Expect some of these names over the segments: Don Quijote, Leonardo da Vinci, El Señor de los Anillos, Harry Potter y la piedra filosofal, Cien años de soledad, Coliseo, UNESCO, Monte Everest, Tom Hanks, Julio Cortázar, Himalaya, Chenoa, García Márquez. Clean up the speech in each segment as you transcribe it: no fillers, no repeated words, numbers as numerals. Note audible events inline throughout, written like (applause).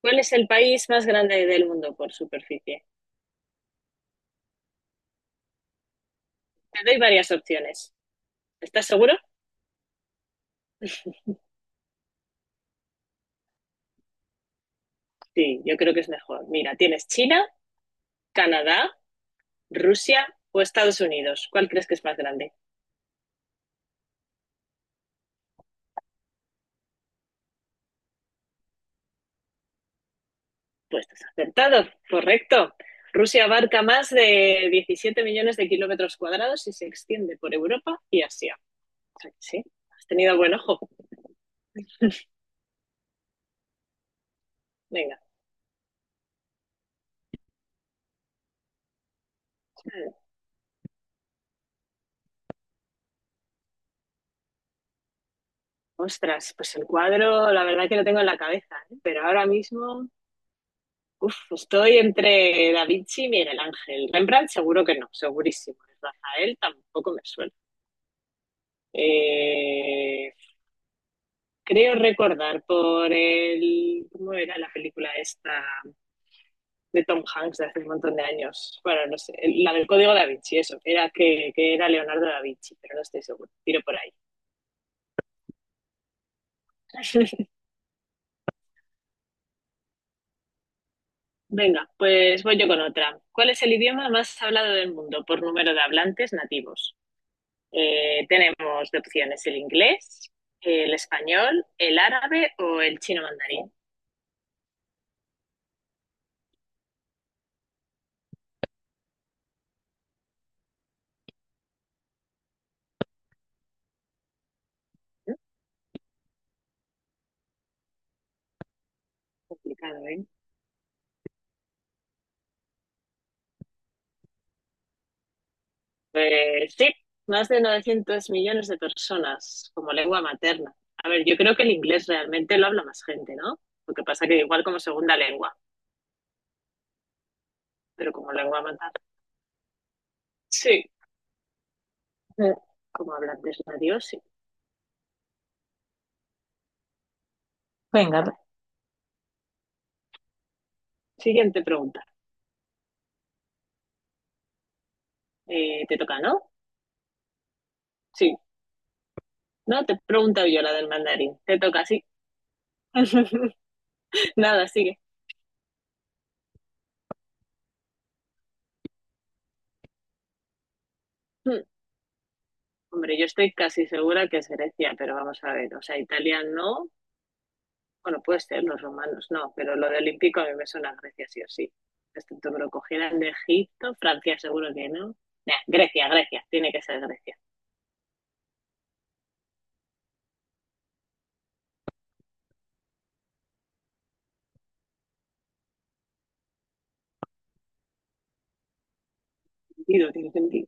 ¿Cuál es el país más grande del mundo por superficie? Te doy varias opciones. ¿Estás seguro? Sí, yo creo que es mejor. Mira, tienes China, Canadá, Rusia o Estados Unidos. ¿Cuál crees que es más grande? Pues estás acertado, correcto. Rusia abarca más de 17 millones de kilómetros cuadrados y se extiende por Europa y Asia. O sea que sí, has tenido buen ojo. Venga. Ostras, pues el cuadro, la verdad que lo tengo en la cabeza, ¿eh? Pero ahora mismo. Uf, estoy entre Da Vinci y Miguel Ángel. Rembrandt seguro que no, segurísimo. Rafael tampoco me suena. Eh, Creo recordar por el... ¿Cómo era la película esta de Tom Hanks de hace un montón de años? Bueno, no sé, la del Código Da Vinci, eso. Era que era Leonardo Da Vinci, pero no estoy seguro. Tiro por ahí. (laughs) Venga, pues voy yo con otra. ¿Cuál es el idioma más hablado del mundo por número de hablantes nativos? Tenemos de opciones el inglés, el español, el árabe o el chino mandarín. ¿Eh? Complicado, ¿eh? Pues sí, más de 900 millones de personas como lengua materna. A ver, yo creo que el inglés realmente lo habla más gente, ¿no? Lo que pasa que igual como segunda lengua, pero como lengua materna. Sí, Eh, como hablantes nativos, sí. Venga, siguiente pregunta. ¿Te toca, no? Sí. No, te pregunto yo la del mandarín. Te toca, sí. (laughs) Nada, sigue. Hmm. Hombre, yo estoy casi segura que es Grecia, pero vamos a ver, o sea, Italia no, bueno, puede ser, los romanos no, pero lo de olímpico a mí me suena a Grecia sí o sí. Excepto que lo cogieran de Egipto, Francia seguro que no. Nah, Grecia, Grecia, tiene que ser Grecia. Sentido, tiene sentido.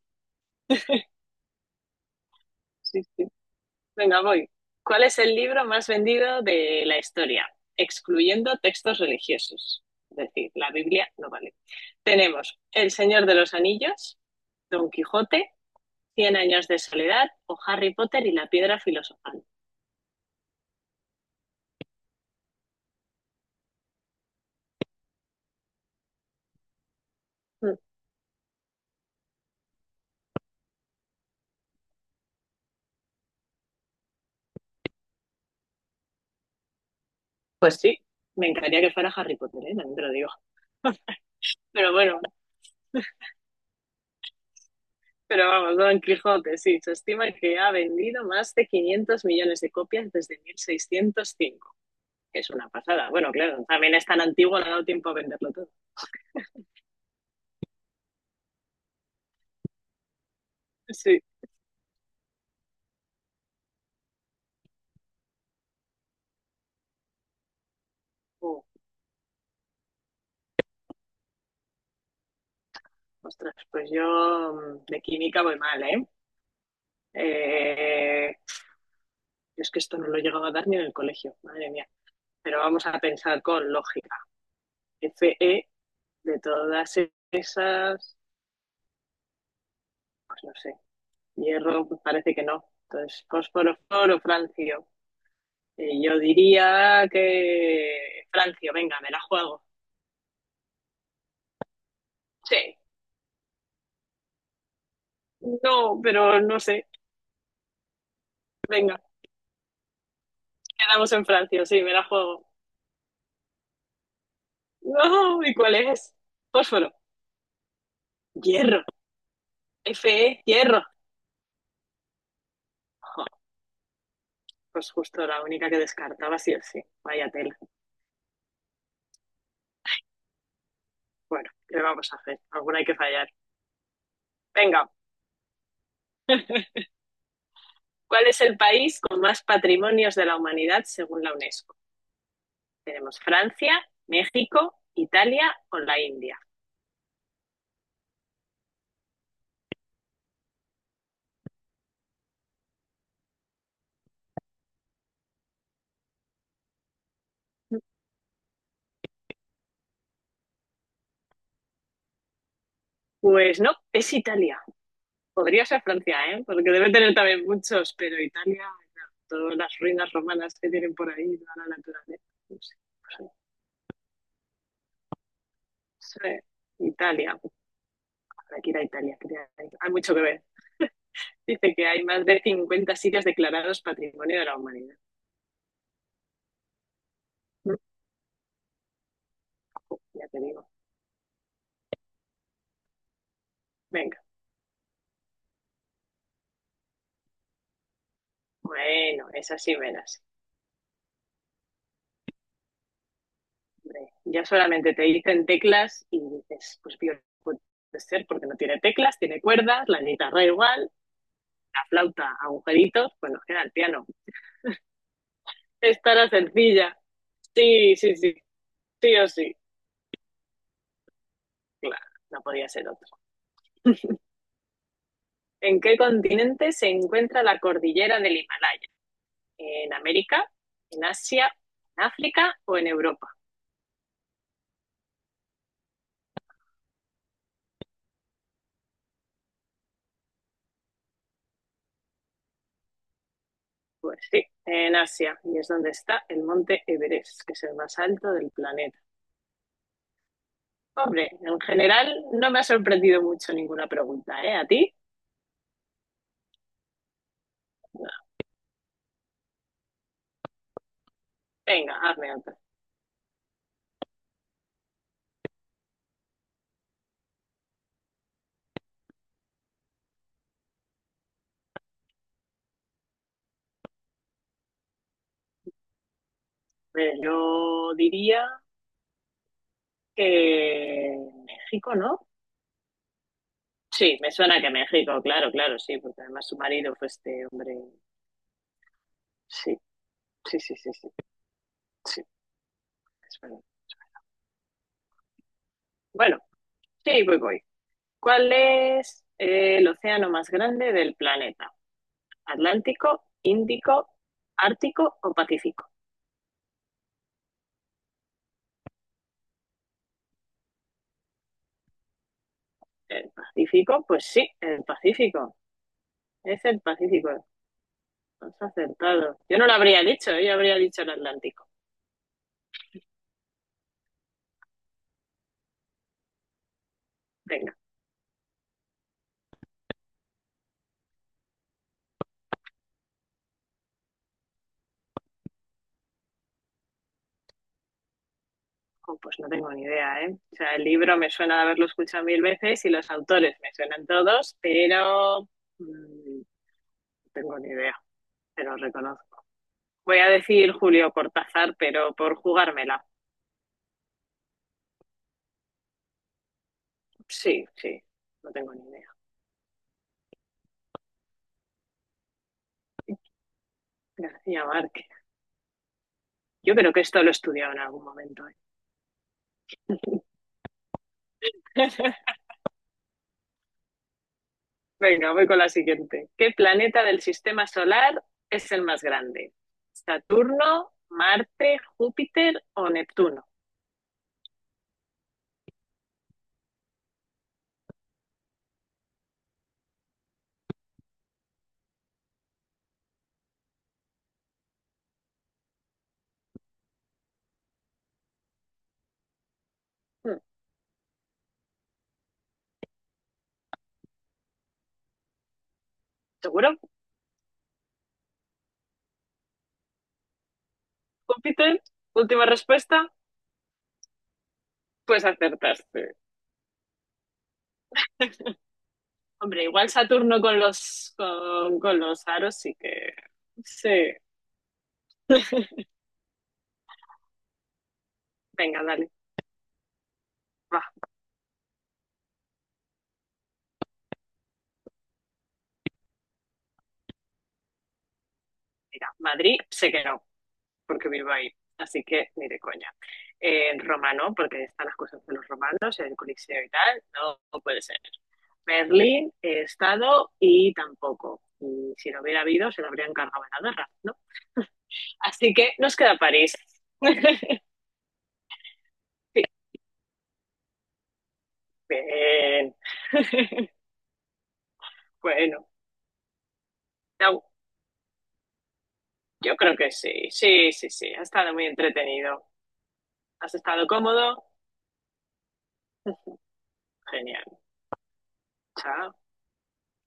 Sí, sí. Venga, voy. ¿Cuál es el libro más vendido de la historia? Excluyendo textos religiosos. Es decir, la Biblia no vale. Tenemos El Señor de los Anillos, Don Quijote, Cien años de soledad o Harry Potter y la piedra filosofal. Mm, Pues sí, me encantaría que fuera Harry Potter, ¿eh? También te lo digo. Pero bueno, pero vamos, Don Quijote, sí, se estima que ha vendido más de 500 millones de copias desde 1605, que es una pasada. Bueno, claro, también es tan antiguo, no ha dado tiempo a venderlo todo. Sí. Uh, Ostras, pues yo de química voy mal, ¿eh? Eh, yo es que esto no lo he llegado a dar ni en el colegio, madre mía. Pero vamos a pensar con lógica. Fe de todas esas, pues no sé, hierro pues parece que no. Entonces, fósforo, fósforo, francio. Y yo diría que francio, venga, me la juego. Sí. No, pero no sé. Venga, quedamos en francio, sí, me la juego. No, ¿y cuál es? Fósforo, hierro, FE, hierro. Jo, pues justo la única que descartaba sí o sí. Vaya tela. Bueno, ¿qué vamos a hacer? Alguna hay que fallar. Venga. ¿Cuál es el país con más patrimonios de la humanidad según la UNESCO? Tenemos Francia, México, Italia o la India. Pues no, es Italia. Podría ser Francia, ¿eh? Porque debe tener también muchos, pero Italia, no, todas las ruinas romanas que tienen por ahí, toda la naturaleza. No sé, no sé. Italia, para que ir a Italia, quería ir. Hay mucho que ver. Dice que hay más de 50 sitios declarados Patrimonio de la Humanidad. Ya te digo. Venga, bueno, esa sí me la sé. Ya solamente te dicen teclas y dices, pues bien, puede ser porque no tiene teclas, tiene cuerdas, la guitarra igual, la flauta, agujeritos, pues nos queda el piano. Estará sencilla. Sí, sí, sí, sí o sí. Claro, no podía ser otro. ¿En qué continente se encuentra la cordillera del Himalaya? ¿En América? ¿En Asia? ¿En África o en Europa? Pues sí, en Asia, y es donde está el monte Everest, que es el más alto del planeta. Hombre, en general no me ha sorprendido mucho ninguna pregunta, ¿eh? ¿A ti? No. Venga, hazme otra. Mira, yo diría que México, ¿no? Sí, me suena que México, claro, claro, sí, porque además su marido fue este hombre. Sí, sí, sí, sí, sí, sí, es verdad. Bueno, sí, voy, voy. ¿Cuál es el océano más grande del planeta? ¿Atlántico, Índico, Ártico o Pacífico? El Pacífico, pues sí, el Pacífico. Es el Pacífico. Has acertado. Yo no lo habría dicho, ¿eh? Yo habría dicho el Atlántico. Venga, oh, pues no tengo ni idea, ¿eh? O sea, el libro me suena de haberlo escuchado mil veces y los autores me suenan todos, pero no tengo ni idea, pero reconozco. Voy a decir Julio Cortázar, pero por jugármela. Sí, sí, no tengo ni idea. García Márquez. Yo creo que esto lo he estudiado en algún momento, ¿eh? (laughs) Venga, voy con la siguiente. ¿Qué planeta del sistema solar es el más grande? ¿Saturno, Marte, Júpiter o Neptuno? Hmm, ¿Seguro? ¿Júpiter? Última respuesta. Pues acertaste. (laughs) Hombre, igual Saturno con los con los aros sí que. Sí. (laughs) Venga, dale. Va. Mira, Madrid sé que no, porque Bilbao, ahí. Así que ni de coña. Roma no, porque están las cosas de los romanos, el Coliseo y tal, no, no puede ser. Berlín he estado y tampoco. Y si lo hubiera habido, se lo habrían cargado en la guerra, ¿no? Así que nos queda París. (laughs) Sí, bien. (laughs) Bueno, no, yo creo que sí, sí, sí, sí. Ha estado muy entretenido. Has estado cómodo. (laughs) Genial. Chao.